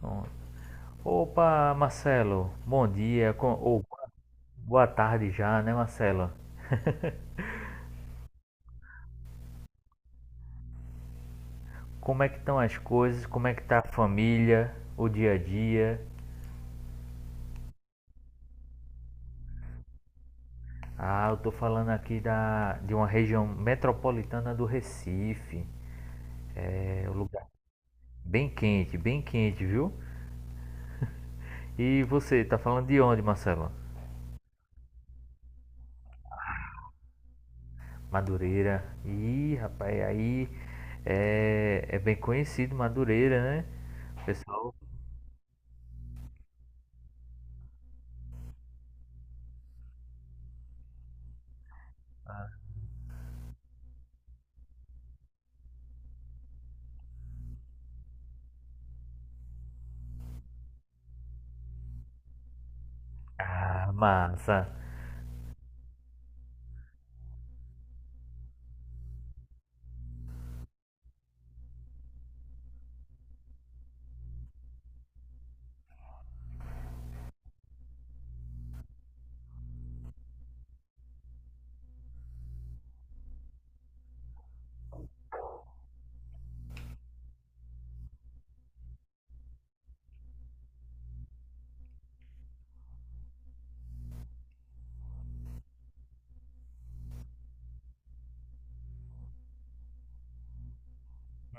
Pronto. Opa, Marcelo, bom dia, ou boa tarde já, né, Marcelo? Como é que estão as coisas? Como é que tá a família, o dia a dia? Ah, eu tô falando aqui de uma região metropolitana do Recife. É um lugar bem quente, viu? E você, tá falando de onde, Marcelo? Madureira. Ih, rapaz, aí é bem conhecido Madureira, né? Pessoal. Ah, massa.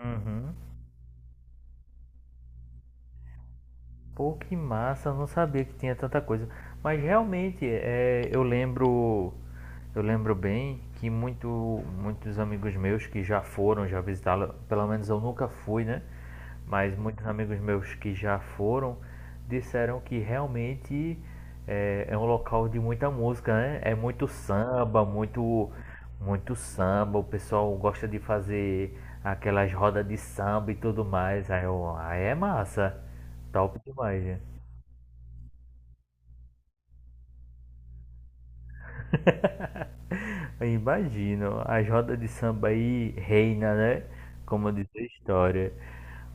Uhum. Pô, que massa, eu não sabia que tinha tanta coisa. Mas realmente, eu lembro bem que muito, muitos amigos meus que já foram, já visitaram, pelo menos eu nunca fui, né? Mas muitos amigos meus que já foram disseram que realmente é um local de muita música, né? É muito samba, muito, muito samba. O pessoal gosta de fazer aquelas rodas de samba e tudo mais. Aí é massa. Top demais, né? Eu imagino. As rodas de samba aí reina, né? Como diz a história.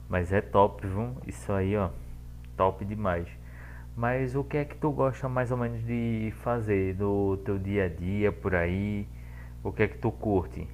Mas é top, viu? Isso aí, ó. Top demais. Mas o que é que tu gosta mais ou menos de fazer no teu dia a dia por aí? O que é que tu curte?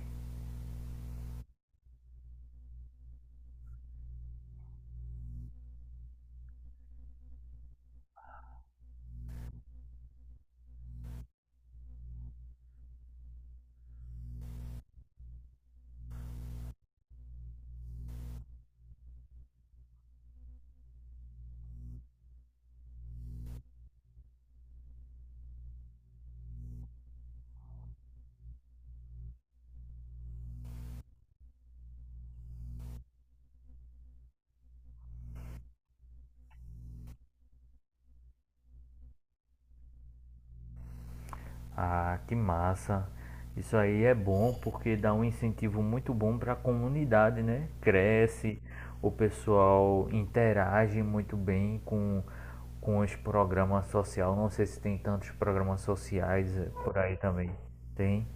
Ah, que massa. Isso aí é bom porque dá um incentivo muito bom para a comunidade, né? Cresce, o pessoal interage muito bem com os programas sociais. Não sei se tem tantos programas sociais por aí também. Tem?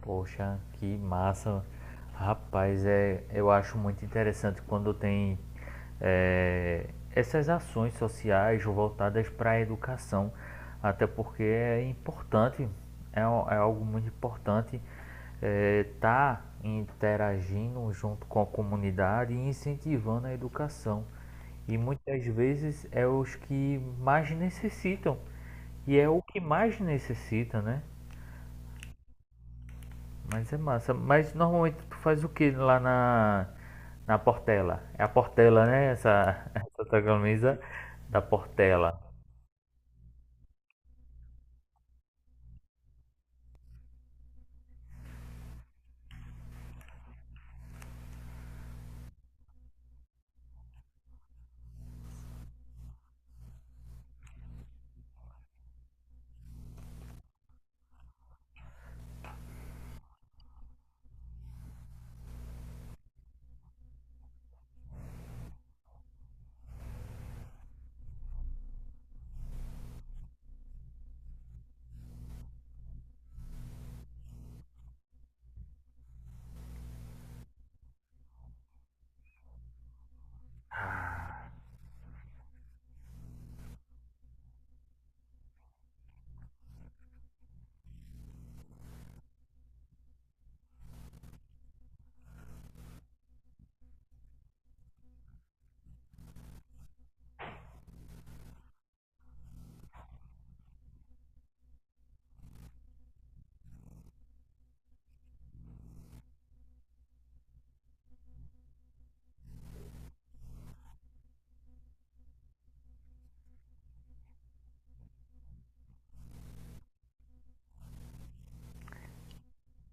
Poxa, que massa. Rapaz, eu acho muito interessante quando tem é, essas ações sociais voltadas para a educação, até porque é importante, é algo muito importante estar interagindo junto com a comunidade e incentivando a educação. E muitas vezes é os que mais necessitam, e é o que mais necessita, né? Mas é massa. Mas normalmente tu faz o que lá na Portela? É a Portela, né? Essa, essa tua camisa da Portela.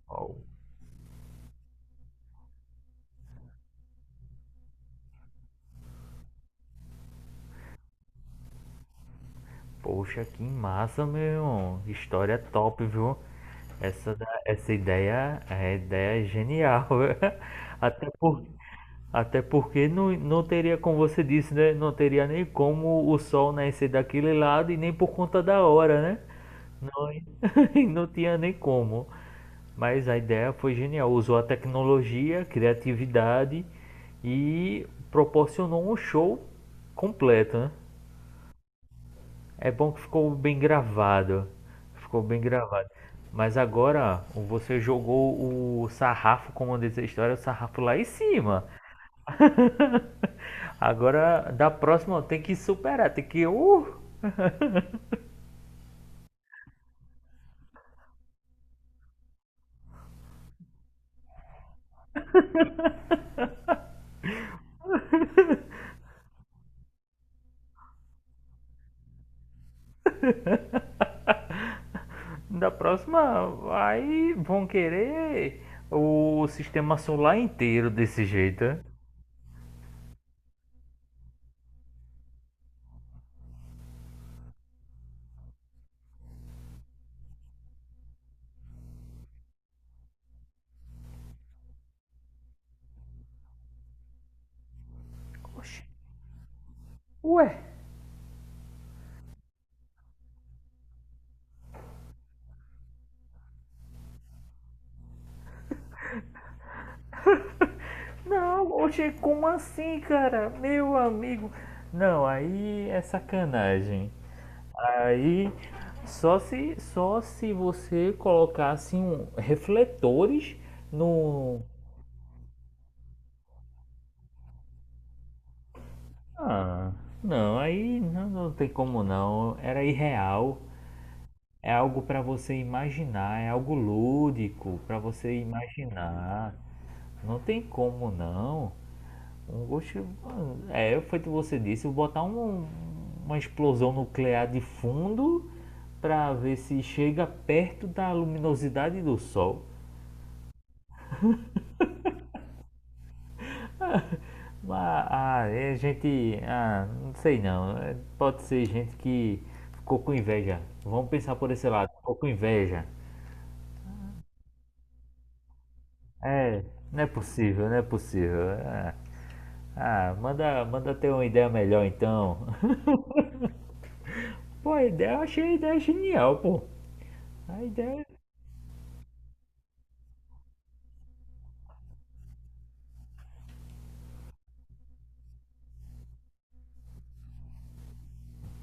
Oh, poxa, que massa, meu. História top, viu? Essa ideia é genial. Até por, até porque não, não teria, como você disse, né? Não teria nem como o sol nascer daquele lado e nem por conta da hora, né? Não, não tinha nem como. Mas a ideia foi genial. Usou a tecnologia, criatividade e proporcionou um show completo, né? É bom que ficou bem gravado. Ficou bem gravado. Mas agora você jogou o sarrafo, como diz a história, o sarrafo lá em cima. Agora, da próxima tem que superar, tem que. Da próxima, aí vão querer o sistema solar inteiro desse jeito, né? Oxi, ué, não, oxi, como assim, cara? Meu amigo. Não, aí é sacanagem. Aí só se você colocasse um, refletores no. Ah, não, aí não, não tem como não. Era irreal. É algo para você imaginar, é algo lúdico para você imaginar. Não tem como não. Um gosto, é, foi o que você disse, botar uma explosão nuclear de fundo para ver se chega perto da luminosidade do sol. Mas ah, é gente, ah, não sei não. É, pode ser gente que ficou com inveja. Vamos pensar por esse lado, ficou com inveja. É, não é possível, não é possível. É. Ah, manda, manda ter uma ideia melhor então. Pô, a ideia, eu achei a ideia genial, pô. A ideia. É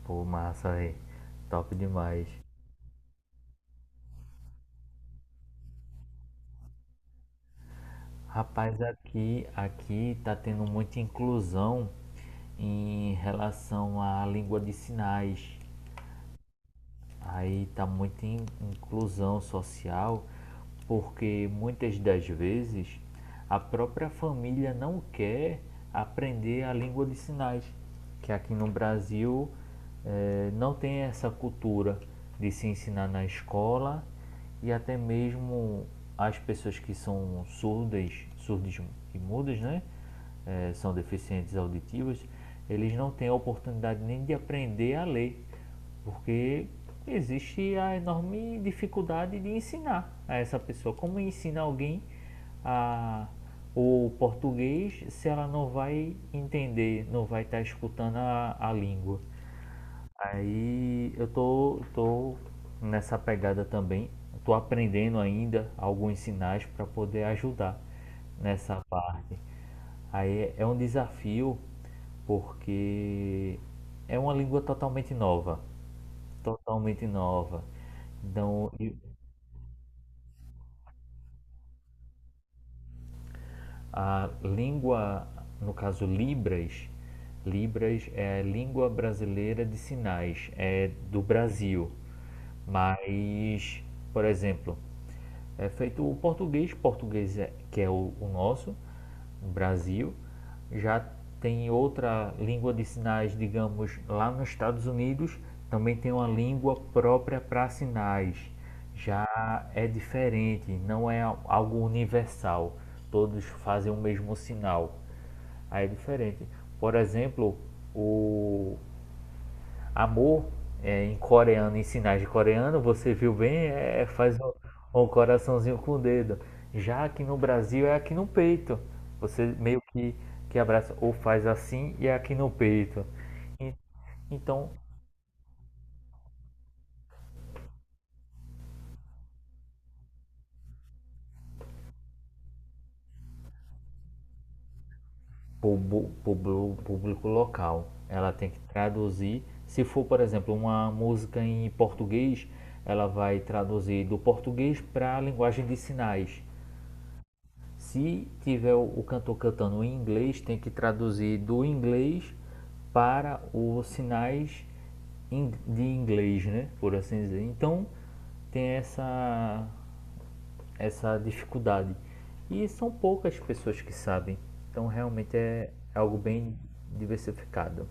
Pô, massa aí. Top demais. Rapaz, aqui, aqui tá tendo muita inclusão em relação à língua de sinais. Aí tá muita inclusão social, porque muitas das vezes a própria família não quer aprender a língua de sinais, que aqui no Brasil não tem essa cultura de se ensinar na escola e até mesmo as pessoas que são surdas, surdas e mudas, né? São deficientes auditivos, eles não têm a oportunidade nem de aprender a ler porque existe a enorme dificuldade de ensinar a essa pessoa. Como ensinar alguém a, o português se ela não vai entender, não vai estar escutando a língua? Aí eu tô, tô nessa pegada também. Tô aprendendo ainda alguns sinais para poder ajudar nessa parte. Aí é um desafio porque é uma língua totalmente nova totalmente nova. Então, e a língua, no caso Libras, Libras é a língua brasileira de sinais, é do Brasil. Mas, por exemplo, é feito o português, português é, que é o nosso, no Brasil, já tem outra língua de sinais, digamos, lá nos Estados Unidos, também tem uma língua própria para sinais. Já é diferente, não é algo universal. Todos fazem o mesmo sinal. Aí é diferente. Por exemplo, o amor é em coreano, em sinais de coreano, você viu bem, é, faz um, um coraçãozinho com o dedo. Já aqui no Brasil é aqui no peito. Você meio que abraça ou faz assim e é aqui no peito. E- então, público local, ela tem que traduzir. Se for, por exemplo, uma música em português, ela vai traduzir do português para a linguagem de sinais. Se tiver cantor cantando em inglês, tem que traduzir do inglês para os sinais de inglês, né? Por assim dizer. Então tem essa dificuldade. E são poucas pessoas que sabem. Então realmente é algo bem diversificado.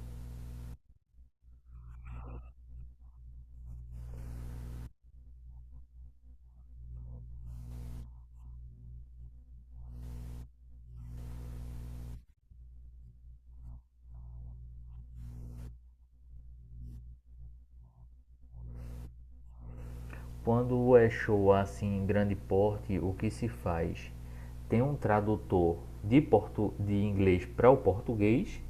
Quando é show assim em grande porte, o que se faz? Tem um tradutor de inglês para o português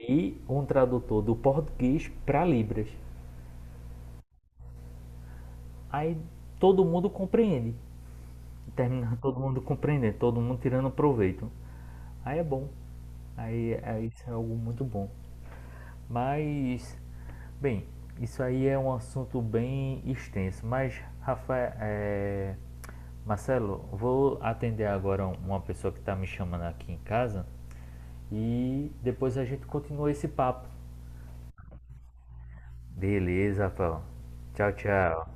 e um tradutor do português para Libras. Aí todo mundo compreende. Termina todo mundo compreendendo, todo mundo tirando proveito. Aí é bom. Aí isso é algo muito bom. Mas, bem, isso aí é um assunto bem extenso. Mas, Rafael, Marcelo, vou atender agora uma pessoa que está me chamando aqui em casa e depois a gente continua esse papo. Beleza, Rafael. Tchau, tchau.